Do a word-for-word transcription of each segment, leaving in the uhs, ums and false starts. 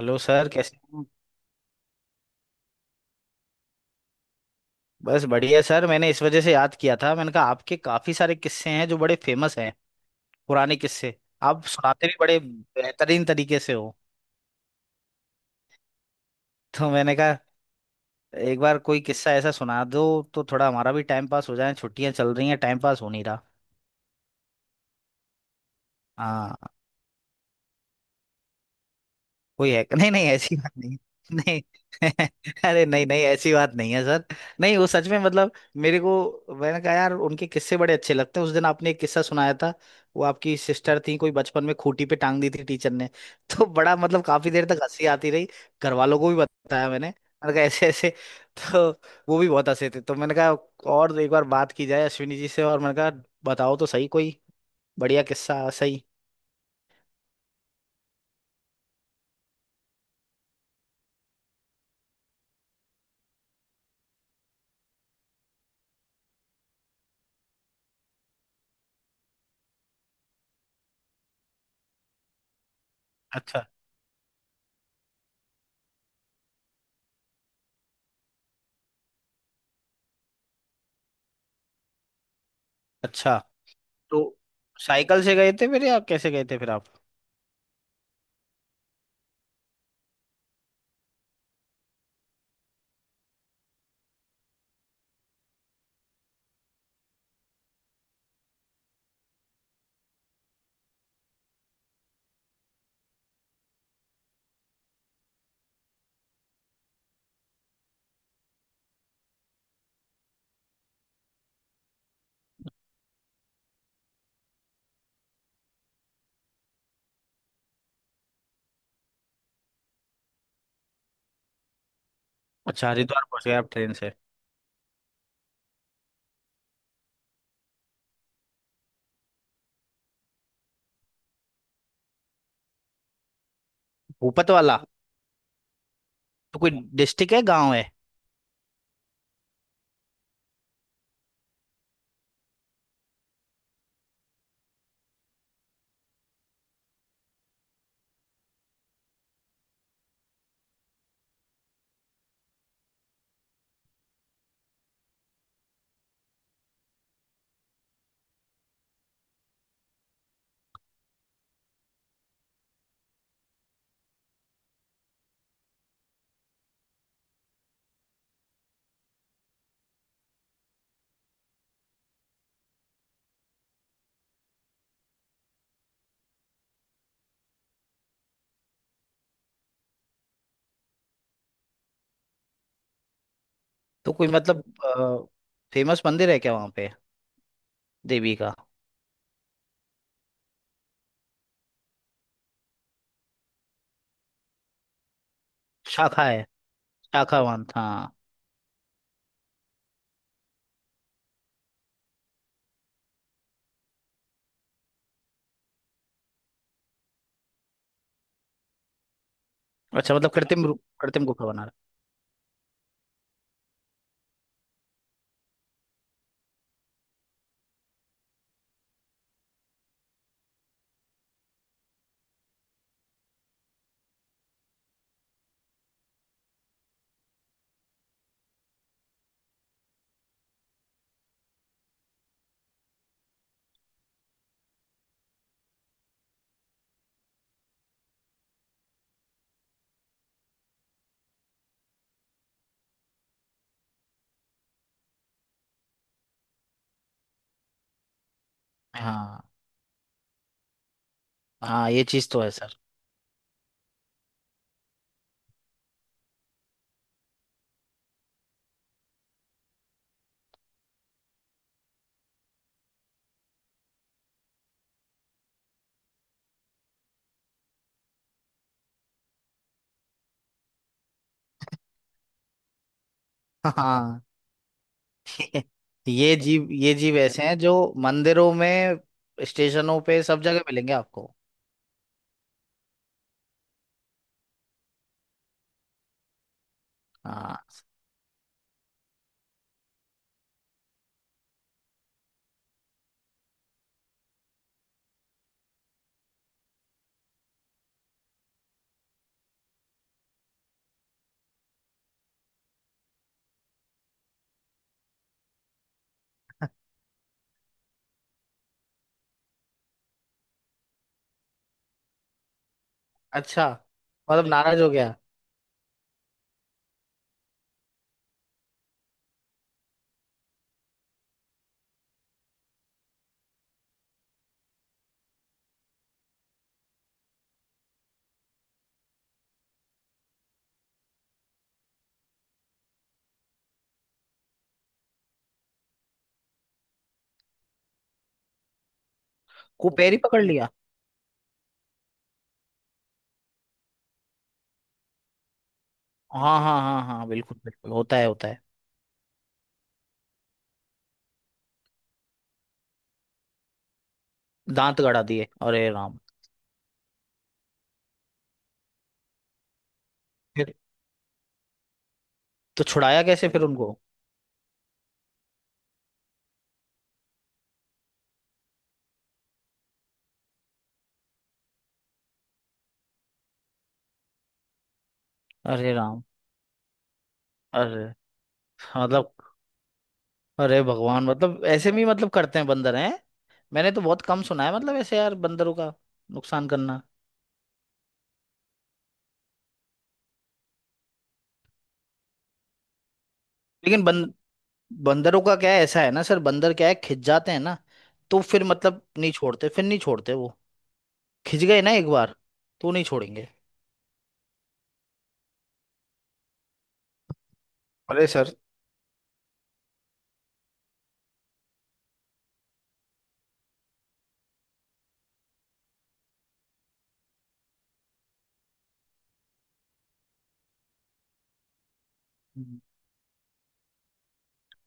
Hello sir, कैसे हैं। बस बढ़िया सर। मैंने इस वजह से याद किया था, मैंने कहा आपके काफी सारे किस्से हैं जो बड़े फेमस हैं, पुराने किस्से। आप सुनाते भी बड़े बेहतरीन तरीके से हो। तो मैंने कहा एक बार कोई किस्सा ऐसा सुना दो तो थोड़ा हमारा भी टाइम पास हो जाए। छुट्टियां चल रही हैं, टाइम पास हो नहीं रहा। हाँ। कोई है नहीं, नहीं ऐसी बात नहीं। नहीं। अरे नहीं नहीं ऐसी बात नहीं है सर। नहीं वो सच में मतलब मेरे को, मैंने कहा यार उनके किस्से बड़े अच्छे लगते हैं। उस दिन आपने एक किस्सा सुनाया था, वो आपकी सिस्टर थी कोई, बचपन में खूंटी पे टांग दी थी टीचर ने। तो बड़ा मतलब काफी देर तक हंसी आती रही। घर वालों को भी बताया, मैंने मैंने कहा ऐसे ऐसे। तो वो भी बहुत हंसे थे। तो मैंने कहा और एक बार बात की जाए अश्विनी जी से, और मैंने कहा बताओ तो सही कोई बढ़िया किस्सा सही। अच्छा अच्छा। तो साइकिल से गए थे फिर या कैसे गए थे फिर आप? अच्छा, हरिद्वार पहुंच गए आप ट्रेन से। भूपत वाला तो कोई डिस्ट्रिक्ट है, गांव है? तो कोई मतलब फेमस मंदिर है क्या वहाँ पे, देवी का? शाखा है, शाखा वन हाँ। अच्छा मतलब कृत्रिम रूप कृत्रिम गुफा बना रहा है। हाँ हाँ ये चीज तो है सर। हाँ। ये जीव ये जीव ऐसे हैं जो मंदिरों में, स्टेशनों पे, सब जगह मिलेंगे आपको। हाँ। अच्छा, मतलब नाराज हो गया। कुपेर ही पकड़ लिया। हाँ हाँ हाँ हाँ बिल्कुल बिल्कुल होता है होता है। दांत गड़ा दिए, अरे राम। फिर तो छुड़ाया कैसे फिर उनको? अरे राम। अरे मतलब अरे भगवान, मतलब ऐसे भी मतलब करते हैं, बंदर हैं। मैंने तो बहुत कम सुना है मतलब ऐसे यार बंदरों का नुकसान करना। लेकिन बं, बंदरों का क्या है, ऐसा है ना सर, बंदर क्या है, खिंच जाते हैं ना। तो फिर मतलब नहीं छोड़ते, फिर नहीं छोड़ते वो। खिंच गए ना एक बार तो नहीं छोड़ेंगे। अरे सर।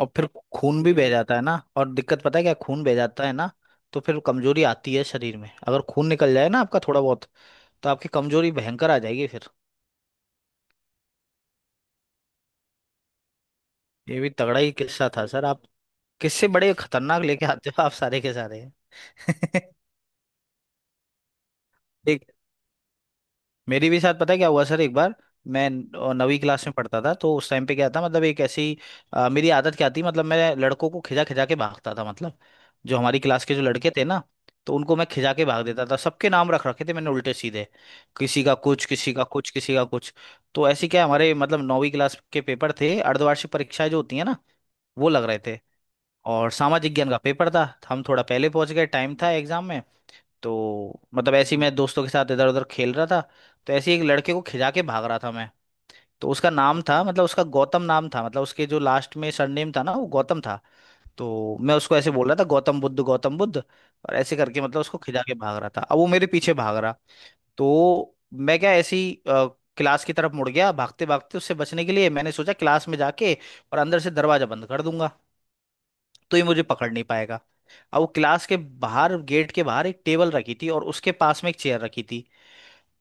और फिर खून भी बह जाता है ना, और दिक्कत, पता है क्या, खून बह जाता है ना, तो फिर कमजोरी आती है शरीर में। अगर खून निकल जाए ना आपका थोड़ा बहुत तो आपकी कमजोरी भयंकर आ जाएगी फिर। ये भी तगड़ा ही किस्सा था सर आप। किससे बड़े खतरनाक लेके आते हो आप, सारे के सारे। एक मेरे भी साथ पता है क्या हुआ सर एक बार। मैं न- नवीं क्लास में पढ़ता था, तो उस टाइम पे क्या था मतलब एक ऐसी अ, मेरी आदत क्या थी, मतलब मैं लड़कों को खिजा खिजा के भागता था। मतलब जो हमारी क्लास के जो लड़के थे ना तो उनको मैं खिजा के भाग देता था। सबके नाम रख रखे थे मैंने उल्टे सीधे, किसी का कुछ, किसी का कुछ, किसी का कुछ। तो ऐसे क्या हमारे मतलब नौवीं क्लास के पेपर थे, अर्धवार्षिक परीक्षाएं जो होती है ना, वो लग रहे थे। और सामाजिक ज्ञान का पेपर था। हम थोड़ा पहले पहुंच गए, टाइम था एग्जाम में। तो मतलब ऐसे ही मैं दोस्तों के साथ इधर उधर खेल रहा था। तो ऐसे ही एक लड़के को खिजा के भाग रहा था मैं। तो उसका नाम था, मतलब उसका गौतम नाम था, मतलब उसके जो लास्ट में सरनेम था ना वो गौतम था। तो मैं उसको ऐसे बोल रहा था गौतम बुद्ध गौतम बुद्ध, और ऐसे करके मतलब उसको खिजा के भाग रहा था। अब वो मेरे पीछे भाग रहा। तो मैं क्या ऐसे ही अ, क्लास की तरफ मुड़ गया भागते भागते, उससे बचने के लिए। मैंने सोचा क्लास में जाके और अंदर से दरवाजा बंद कर दूंगा तो ये मुझे पकड़ नहीं पाएगा। अब वो क्लास के बाहर, गेट के बाहर एक टेबल रखी थी और उसके पास में एक चेयर रखी थी।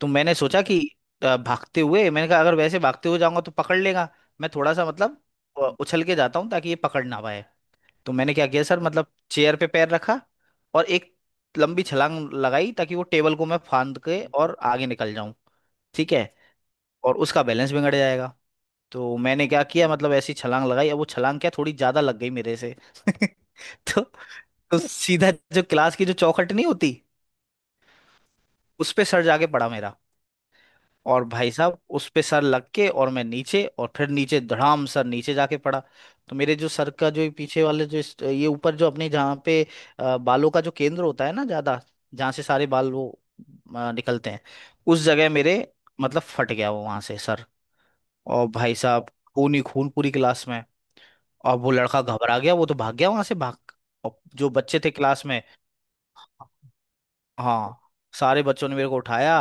तो मैंने सोचा कि अ, भागते हुए, मैंने कहा अगर वैसे भागते हुए जाऊंगा तो पकड़ लेगा। मैं थोड़ा सा मतलब अ, उछल के जाता हूँ ताकि ये पकड़ ना पाए। तो मैंने क्या किया सर, मतलब चेयर पे पैर रखा और एक लंबी छलांग लगाई ताकि वो टेबल को मैं फांद के और आगे निकल जाऊं, ठीक है, और उसका बैलेंस बिगड़ जाएगा। तो मैंने क्या किया, मतलब ऐसी छलांग लगाई, अब वो छलांग क्या थोड़ी ज्यादा लग गई मेरे से। तो, तो सीधा जो क्लास की जो चौखट नहीं होती, उस पे सर जाके पड़ा मेरा। और भाई साहब उस पे सर लग के और मैं नीचे, और फिर नीचे धड़ाम सर नीचे जाके पड़ा। तो मेरे जो सर का जो ये पीछे वाले जो इस- ये ऊपर जो अपने जहाँ पे अ, बालों का जो केंद्र होता है ना ज्यादा, जहाँ से सारे बाल वो अ, निकलते हैं, उस जगह मेरे मतलब फट गया वो वहां से सर। और भाई साहब खून ही खून पूरी क्लास में। और वो लड़का घबरा गया, वो तो भाग गया वहां से, भाग। और जो बच्चे थे क्लास में, हाँ, सारे बच्चों ने मेरे को उठाया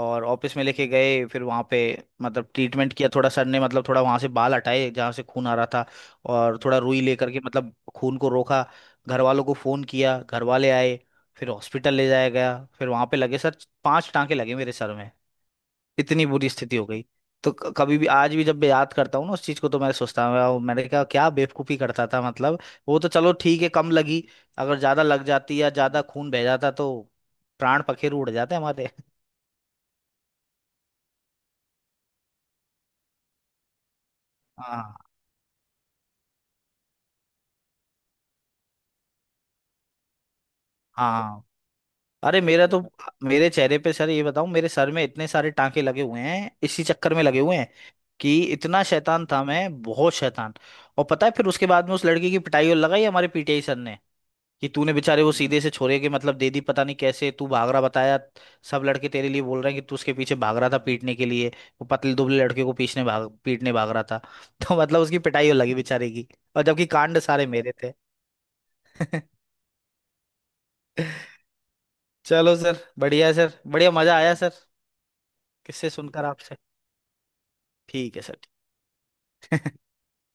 और ऑफिस में लेके गए। फिर वहाँ पे मतलब ट्रीटमेंट किया, थोड़ा सर ने मतलब थोड़ा वहाँ से बाल हटाए जहाँ से खून आ रहा था, और थोड़ा रुई लेकर के मतलब खून को रोका। घर वालों को फ़ोन किया, घर वाले आए। फिर हॉस्पिटल ले जाया गया, फिर वहाँ पे लगे सर, पांच टांके लगे मेरे सर में। इतनी बुरी स्थिति हो गई। तो क- कभी भी आज भी जब मैं याद करता हूँ ना उस चीज को, तो मैं सोचता हूँ वाह, मैंने कहा क्या बेवकूफी करता था मतलब। वो तो चलो ठीक है, कम लगी। अगर ज्यादा लग जाती या ज्यादा खून बह जाता तो प्राण पखेरु उड़ जाते हमारे। हाँ हाँ। अरे मेरा तो, मेरे चेहरे पे सर ये बताऊं, मेरे सर में इतने सारे टांके लगे हुए हैं इसी चक्कर में लगे हुए हैं, कि इतना शैतान था मैं, बहुत शैतान। और पता है फिर उसके बाद में उस लड़की की पिटाई और लगाई हमारे पीटीआई सर ने, कि तूने बेचारे वो सीधे से छोरे के मतलब दे दी, पता नहीं कैसे तू भाग रहा बताया। सब लड़के तेरे लिए बोल रहे हैं कि तू उसके पीछे भाग रहा था पीटने के लिए। वो पतले दुबले लड़के को पीछने भाग पीटने भाग रहा था। तो मतलब उसकी पिटाई हो लगी बेचारे की, और जबकि कांड सारे मेरे थे। चलो सर बढ़िया है सर, बढ़िया मजा आया सर। किससे सुनकर आपसे। ठीक है सर।